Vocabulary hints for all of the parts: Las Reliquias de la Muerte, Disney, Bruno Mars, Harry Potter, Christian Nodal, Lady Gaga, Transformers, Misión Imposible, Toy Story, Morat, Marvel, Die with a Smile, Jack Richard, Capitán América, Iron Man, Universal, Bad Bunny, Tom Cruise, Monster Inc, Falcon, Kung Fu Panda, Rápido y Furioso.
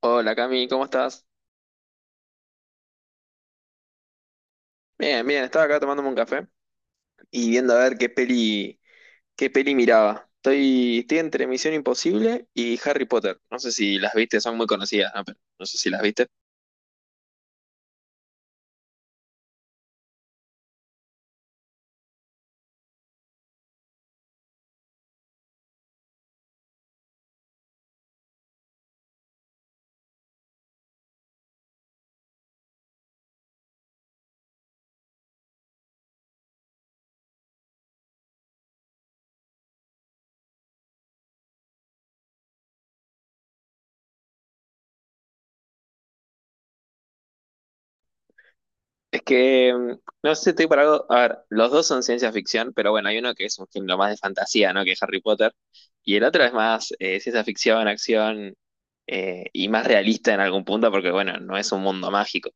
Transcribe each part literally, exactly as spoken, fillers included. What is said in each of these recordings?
Hola Cami, ¿cómo estás? Bien, bien, estaba acá tomándome un café y viendo a ver qué peli, qué peli miraba. Estoy, estoy entre Misión Imposible y Harry Potter. No sé si las viste, son muy conocidas, ¿no? Pero no sé si las viste. Es que, mm, no sé, estoy para algo. A ver, los dos son ciencia ficción, pero bueno, hay uno que es un género más de fantasía, ¿no? Que es Harry Potter. Y el otro es más eh, ciencia ficción, acción, eh, y más realista en algún punto, porque bueno, no es un mundo mágico.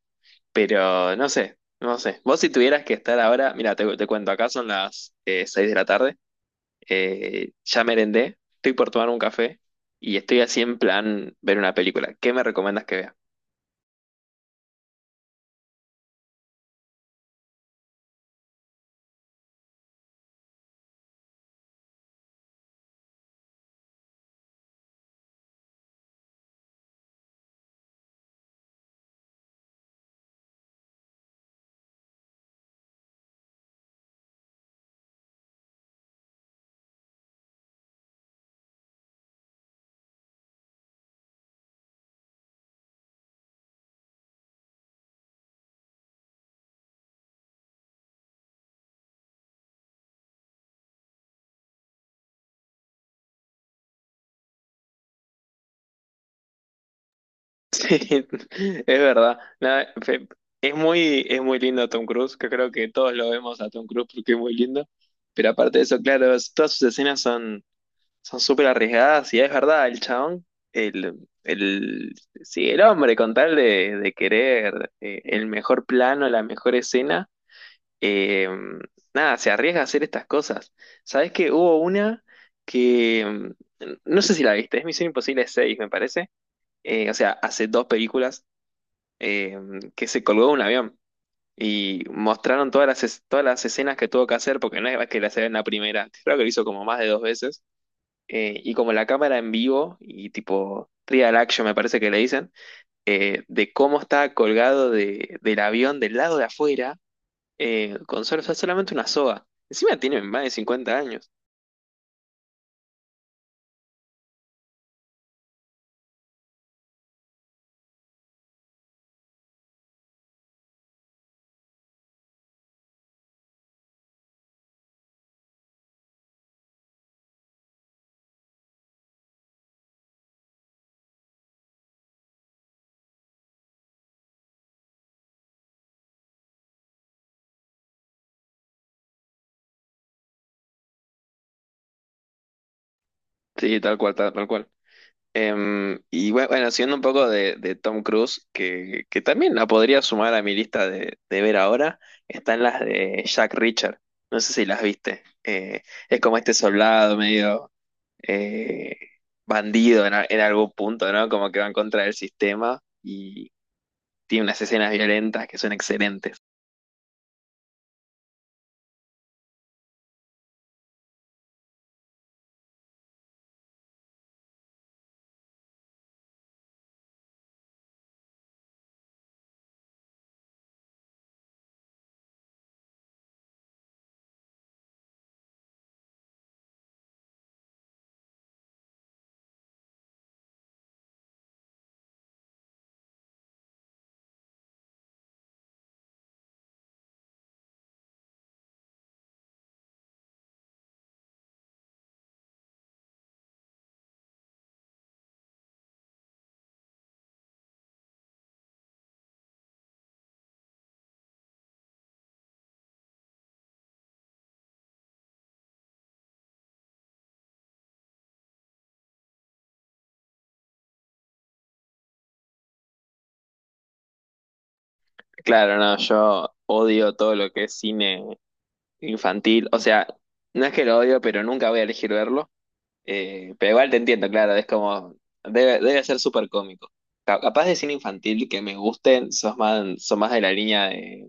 Pero no sé, no sé. Vos si tuvieras que estar ahora, mira, te, te cuento, acá son las eh, seis de la tarde, eh, ya merendé, estoy por tomar un café y estoy así en plan ver una película. ¿Qué me recomiendas que vea? Sí, es verdad. Nada, fe- es muy, es muy lindo Tom Cruise, que creo que todos lo vemos a Tom Cruise porque es muy lindo. Pero aparte de eso, claro, es- todas sus escenas son son súper arriesgadas y es verdad, el chabón, el, el, sí, el hombre con tal de, de querer eh, el mejor plano, la mejor escena, eh, nada, se arriesga a hacer estas cosas. ¿Sabés que hubo una que, mm, no sé si la viste, es Misión Imposible seis, me parece. Eh, o sea, hace dos películas eh, que se colgó de un avión y mostraron todas las, es- todas las escenas que tuvo que hacer, porque no es que las haga en la primera, creo que lo hizo como más de dos veces, eh, y como la cámara en vivo y tipo trial action me parece que le dicen, eh, de cómo está colgado de- del avión del lado de afuera, eh, con sol- solamente una soga. Encima tiene más de cincuenta años. Sí, tal cual, tal, tal cual. Em, y bue- bueno, siendo un poco de, de Tom Cruise, que, que también la podría sumar a mi lista de, de ver ahora, están las de Jack Richard. No sé si las viste. Eh, es como este soldado medio eh, bandido en, a- en algún punto, ¿no? Como que va en contra del sistema y tiene unas escenas violentas que son excelentes. Claro, no, yo odio todo lo que es cine infantil. O sea, no es que lo odio, pero nunca voy a elegir verlo. Eh, pero igual te entiendo, claro, es como, debe, debe ser súper cómico. Ca- Capaz de cine infantil que me gusten, sos más, son más de la línea de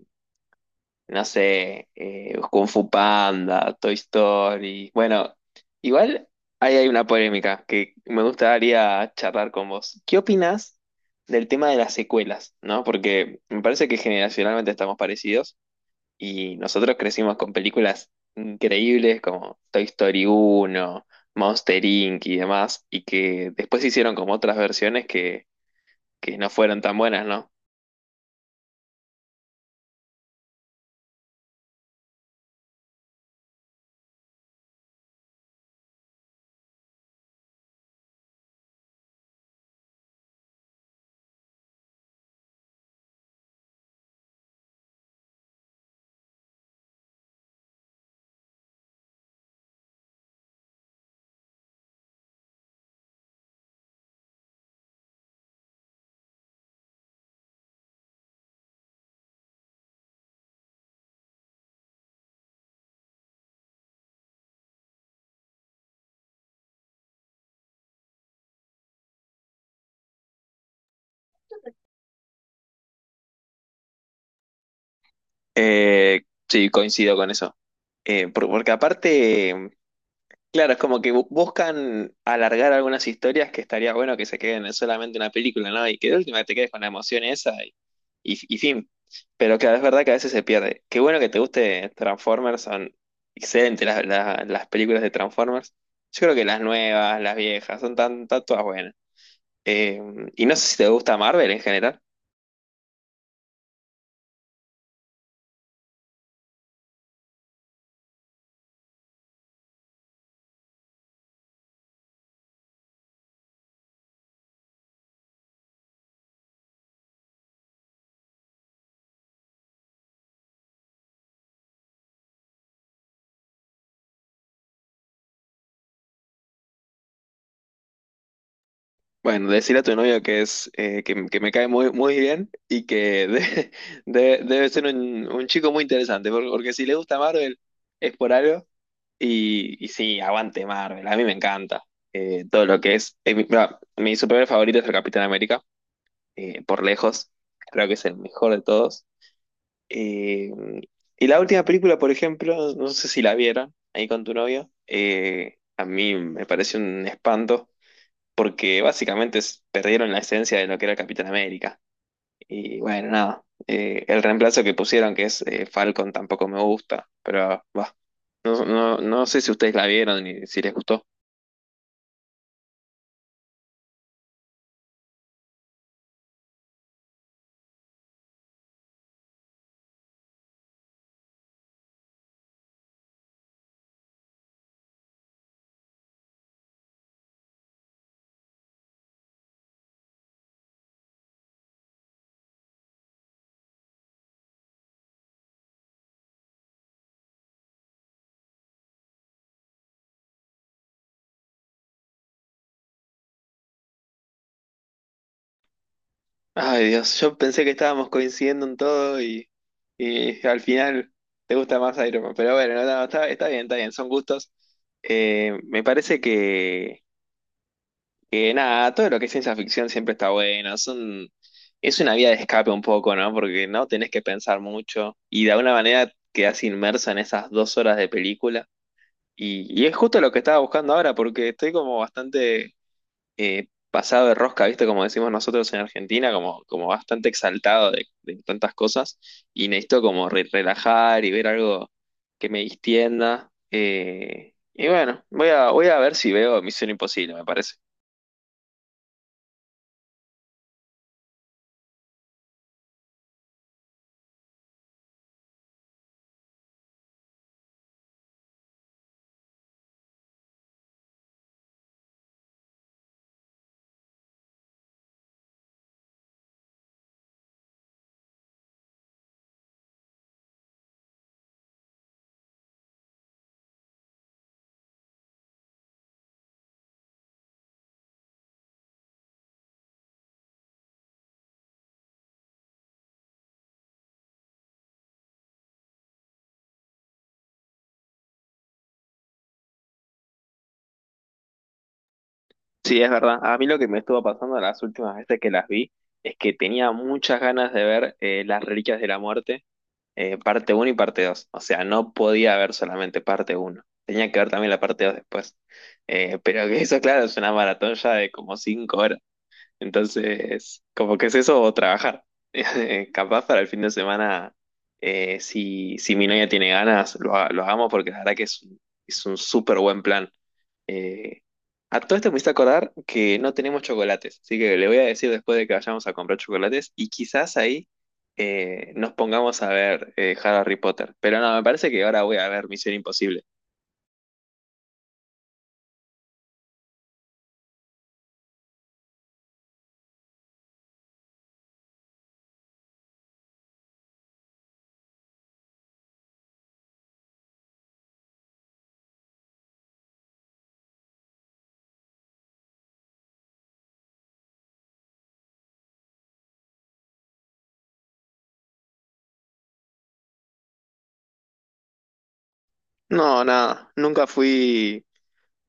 no sé, eh, Kung Fu Panda, Toy Story. Bueno, igual ahí hay una polémica que me gustaría charlar con vos. ¿Qué opinás del tema de las secuelas, no? Porque me parece que generacionalmente estamos parecidos y nosotros crecimos con películas increíbles como Toy Story uno, Monster inc y demás, y que después se hicieron como otras versiones que, que no fueron tan buenas, ¿no? Eh, sí, coincido con eso. Eh, por- porque aparte. Claro, es como que bu- buscan alargar algunas historias que estaría bueno que se queden en solamente una película, ¿no? Y que de última te quedes con la emoción esa y, y, y fin. Pero claro, es verdad que a veces se pierde. Qué bueno que te guste Transformers, son excelentes las, las, las películas de Transformers. Yo creo que las nuevas, las viejas, son tan, tan todas buenas. Eh, y no sé si te gusta Marvel en general. Bueno, decirle a tu novio que es eh, que, que me cae muy, muy bien y que de- de- debe ser un, un chico muy interesante, porque porque, si le gusta Marvel es por algo y, y sí, aguante Marvel, a mí me encanta eh, todo lo que es. Eh, mi, mira, mi superhéroe favorito es el Capitán América, eh, por lejos, creo que es el mejor de todos. Eh, y la última película, por ejemplo, no sé si la vieron ahí con tu novio, eh, a mí me parece un espanto porque básicamente es- perdieron la esencia de lo que era el Capitán América. Y bueno, nada, eh, el reemplazo que pusieron, que es eh, Falcon, tampoco me gusta, pero va. No, no, no sé si ustedes la vieron y si les gustó. Ay, Dios, yo pensé que estábamos coincidiendo en todo y, y al final te gusta más Iron Man. Pero bueno, no, no, está, está bien, está bien, son gustos. Eh, me parece que Que nada, todo lo que es ciencia ficción siempre está bueno. Es un- es una vía de escape un poco, ¿no? Porque no tenés que pensar mucho y de alguna manera quedás inmerso en esas dos horas de película. Y, y es justo lo que estaba buscando ahora, porque estoy como bastante eh, pasado de rosca, ¿viste? Como decimos nosotros en Argentina, como, como bastante exaltado de, de tantas cosas. Y necesito como re- relajar y ver algo que me distienda. Eh, y bueno, voy a, voy a ver si veo Misión Imposible, me parece. Sí, es verdad. A mí lo que me estuvo pasando las últimas veces que las vi es que tenía muchas ganas de ver eh, Las Reliquias de la Muerte, eh, parte uno y parte dos. O sea, no podía ver solamente parte uno. Tenía que ver también la parte dos después. Eh, pero que eso, claro, es una maratón ya de como cinco horas. Entonces, como que es eso o trabajar. Eh, Capaz para el fin de semana, eh, si, si mi novia tiene ganas, lo, ha- lo hagamos porque la verdad que es, un- es un súper buen plan. Eh, a todo esto me hice acordar que no tenemos chocolates, así que le voy a decir después de que vayamos a comprar chocolates y quizás ahí eh, nos pongamos a ver eh, Harry Potter. Pero no, me parece que ahora voy a ver Misión Imposible. No, nada, nunca fui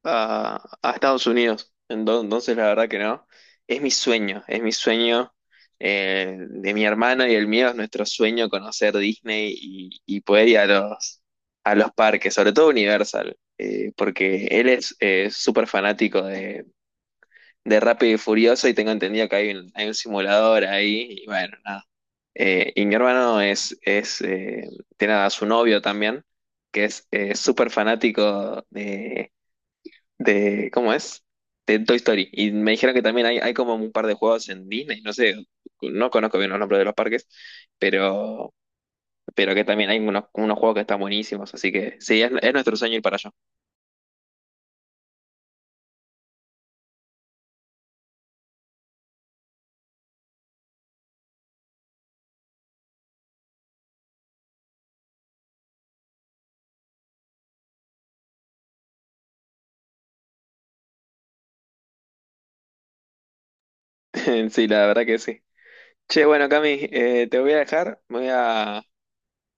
a, a Estados Unidos. Ento- Entonces, la verdad que no. Es mi sueño, es mi sueño eh, de mi hermano y el mío, es nuestro sueño conocer Disney y, y poder ir a los, a los parques, sobre todo Universal, eh, porque él es eh, súper fanático de, de Rápido y Furioso y tengo entendido que hay un, hay un simulador ahí y bueno, nada. Eh, y mi hermano es, es eh, tiene a su novio también, que es eh, súper fanático de de, ¿cómo es? De Toy Story. Y me dijeron que también hay, hay como un par de juegos en Disney, no sé, no conozco bien los nombres de los parques, pero, pero que también hay unos, unos juegos que están buenísimos, así que sí, es, es nuestro sueño ir para allá. Sí, la verdad que sí. Che, bueno, Cami, eh, te voy a dejar, me voy a,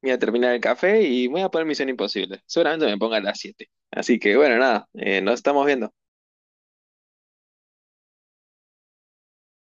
voy a terminar el café y me voy a poner Misión Imposible. Seguramente me ponga a las siete. Así que bueno, nada, eh, nos estamos viendo.